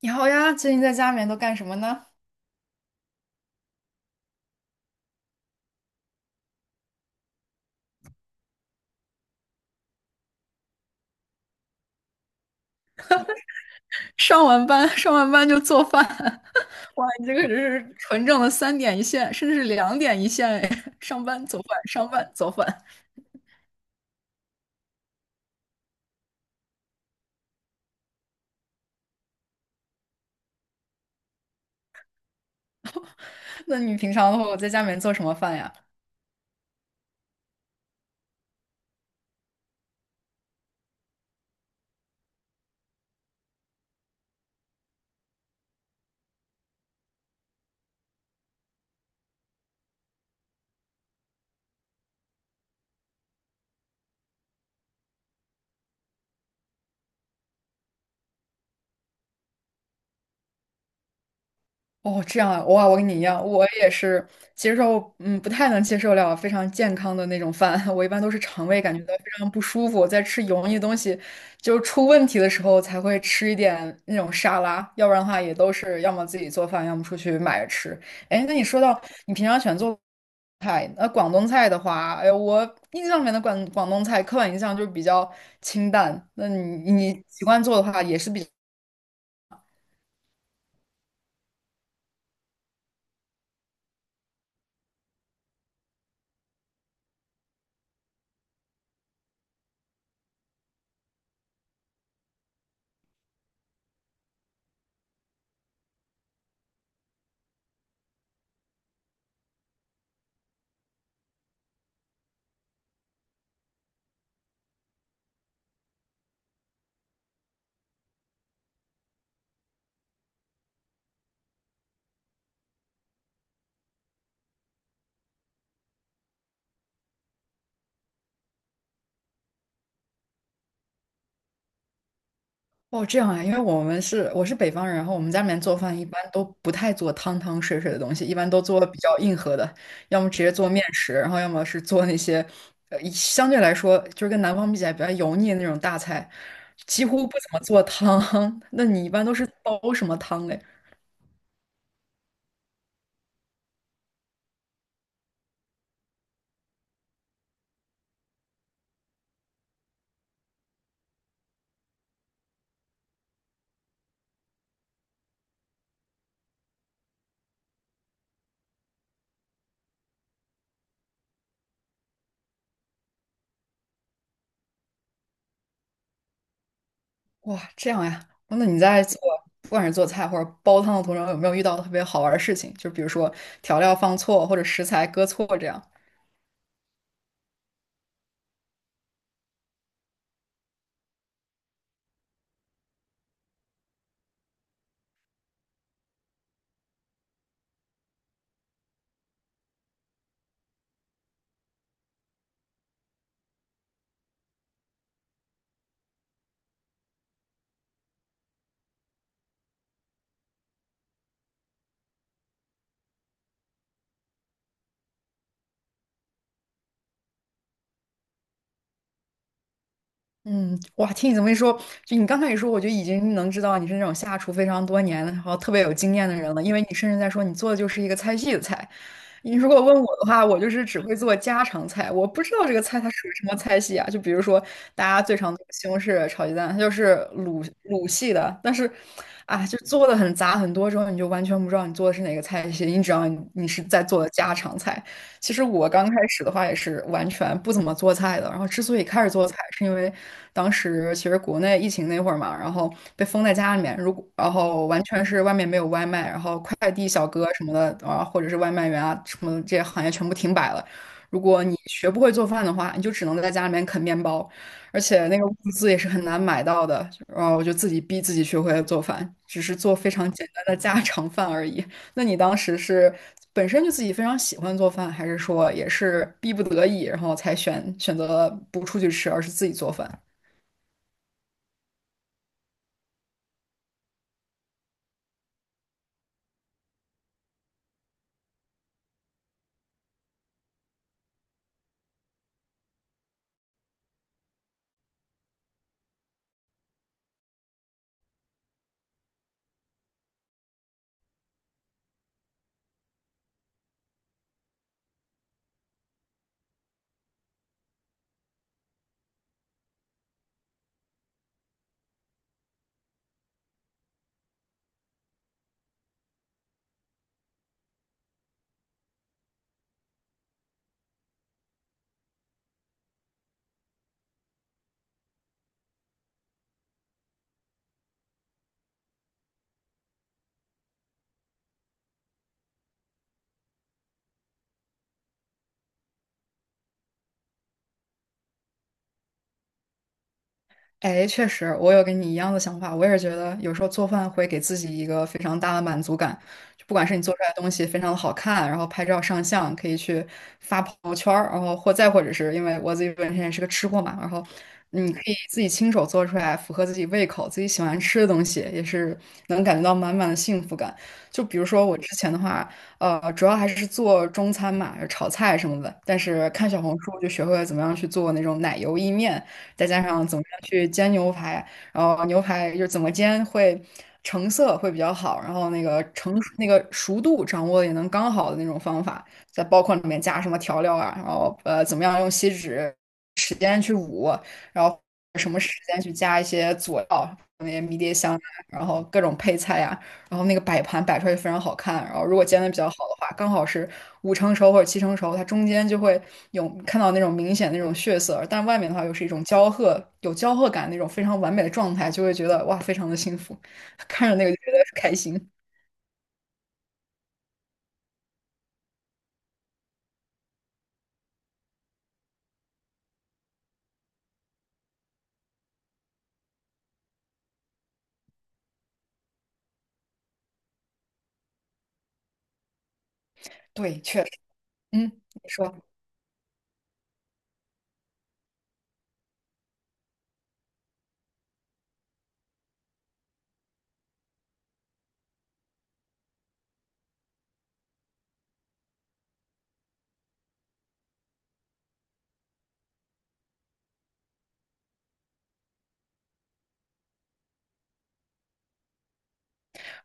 你好呀，最近在家里面都干什么呢？上完班，上完班就做饭，哇，你这个 真是纯正的三点一线，甚至是两点一线哎！上班做饭，上班做饭。那你平常的话，在家里面做什么饭呀？哦，这样啊，哇，我跟你一样，我也是接受，嗯，不太能接受了非常健康的那种饭。我一般都是肠胃感觉到非常不舒服，在吃油腻的东西就出问题的时候才会吃一点那种沙拉，要不然的话也都是要么自己做饭，要么出去买着吃。哎，那你说到你平常喜欢做菜，那广东菜的话，哎，我印象里面的广东菜刻板印象就是比较清淡。那你习惯做的话，也是比较。哦，这样啊，因为我是北方人，然后我们家里面做饭一般都不太做汤汤水水的东西，一般都做比较硬核的，要么直接做面食，然后要么是做那些，相对来说就是跟南方比起来比较油腻的那种大菜，几乎不怎么做汤。那你一般都是煲什么汤嘞？哇，这样呀，哦那你在做不管是做菜或者煲汤的途中，有没有遇到特别好玩的事情？就比如说调料放错或者食材搁错这样。嗯，哇，听你这么一说，就你刚开始说，我就已经能知道你是那种下厨非常多年的，然后特别有经验的人了，因为你甚至在说你做的就是一个菜系的菜。你如果问我的话，我就是只会做家常菜，我不知道这个菜它属于什么菜系啊。就比如说大家最常做的西红柿炒鸡蛋，它就是鲁系的，但是啊，就做的很杂很多之后，你就完全不知道你做的是哪个菜系，你只要你是在做的家常菜。其实我刚开始的话也是完全不怎么做菜的，然后之所以开始做菜，是因为当时其实国内疫情那会儿嘛，然后被封在家里面，如果然后完全是外面没有外卖，然后快递小哥什么的啊，或者是外卖员啊什么的这些行业全部停摆了。如果你学不会做饭的话，你就只能在家里面啃面包，而且那个物资也是很难买到的。然后我就自己逼自己学会了做饭，只是做非常简单的家常饭而已。那你当时是本身就自己非常喜欢做饭，还是说也是逼不得已，然后才选择不出去吃，而是自己做饭？哎，确实，我有跟你一样的想法。我也是觉得，有时候做饭会给自己一个非常大的满足感，就不管是你做出来的东西非常的好看，然后拍照上相，可以去发朋友圈儿，然后或再或者是因为我自己本身也是个吃货嘛，然后你可以自己亲手做出来符合自己胃口、自己喜欢吃的东西，也是能感觉到满满的幸福感。就比如说我之前的话，主要还是做中餐嘛，炒菜什么的，但是看小红书就学会了怎么样去做那种奶油意面。再加上怎么样去煎牛排，然后牛排就是怎么煎会成色会比较好，然后那个成那个熟度掌握的也能刚好的那种方法，再包括里面加什么调料啊，然后怎么样用锡纸时间去捂，然后什么时间去加一些佐料，那些迷迭香啊，然后各种配菜呀、然后那个摆盘摆出来就非常好看。然后如果煎的比较好的话，刚好是五成熟或者七成熟，它中间就会有看到那种明显那种血色，但外面的话又是一种焦褐，有焦褐感那种非常完美的状态，就会觉得哇，非常的幸福，看着那个就觉得开心。对，确实。嗯，你说。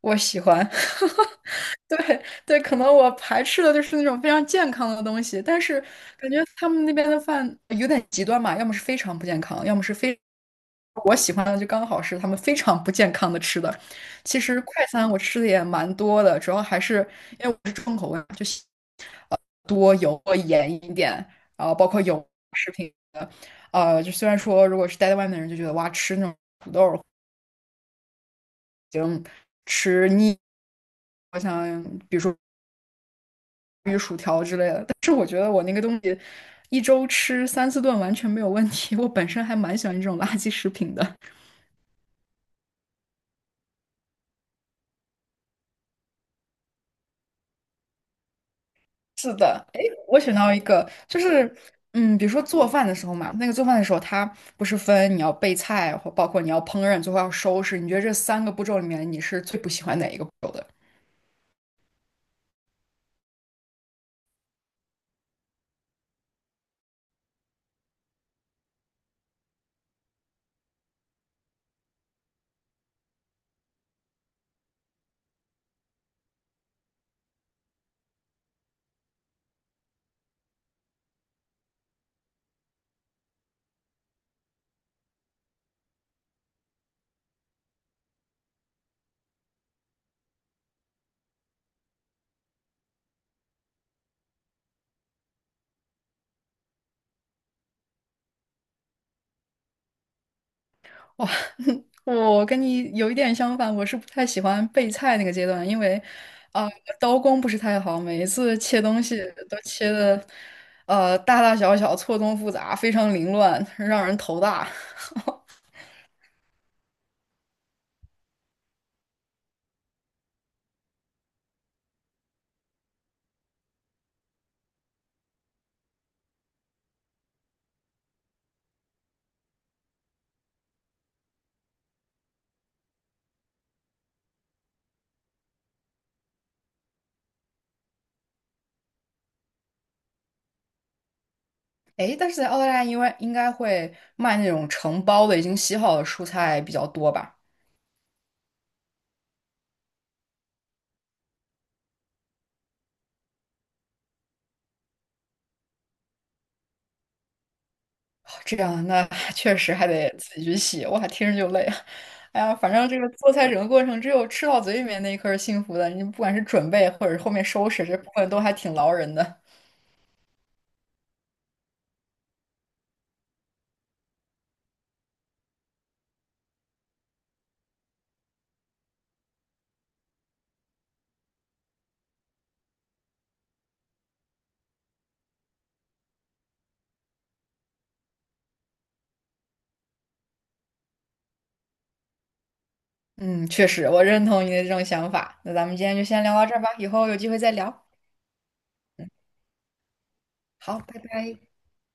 我喜欢，对对，可能我排斥的就是那种非常健康的东西，但是感觉他们那边的饭有点极端嘛，要么是非常不健康，要么是非我喜欢的就刚好是他们非常不健康的吃的。其实快餐我吃的也蛮多的，主要还是因为我是重口味嘛就喜多油多盐一点，然后包括油食品的，就虽然说如果是待在外面的人就觉得哇，吃那种已经吃腻。我想，比如说薯条之类的。但是我觉得我那个东西一周吃三四顿完全没有问题。我本身还蛮喜欢这种垃圾食品的。我选到一个，比如说做饭的时候嘛，那个做饭的时候，它不是分你要备菜，或包括你要烹饪，最后要收拾。你觉得这三个步骤里面，你是最不喜欢哪一个步骤的？哇，我跟你有一点相反，我是不太喜欢备菜那个阶段，因为，啊、刀工不是太好，每一次切东西都切的，大大小小、错综复杂，非常凌乱，让人头大。诶，但是在澳大利亚，因为应该会卖那种成包的、已经洗好的蔬菜比较多吧？这样，那 确实还得自己去洗，哇，听着就累啊！哎呀，反正这个做菜整个过程，只有吃到嘴里面那一刻是幸福的。你不管是准备，或者是后面收拾，这部分都还挺劳人的。嗯，确实，我认同你的这种想法。那咱们今天就先聊到这儿吧，以后有机会再聊。好，拜拜。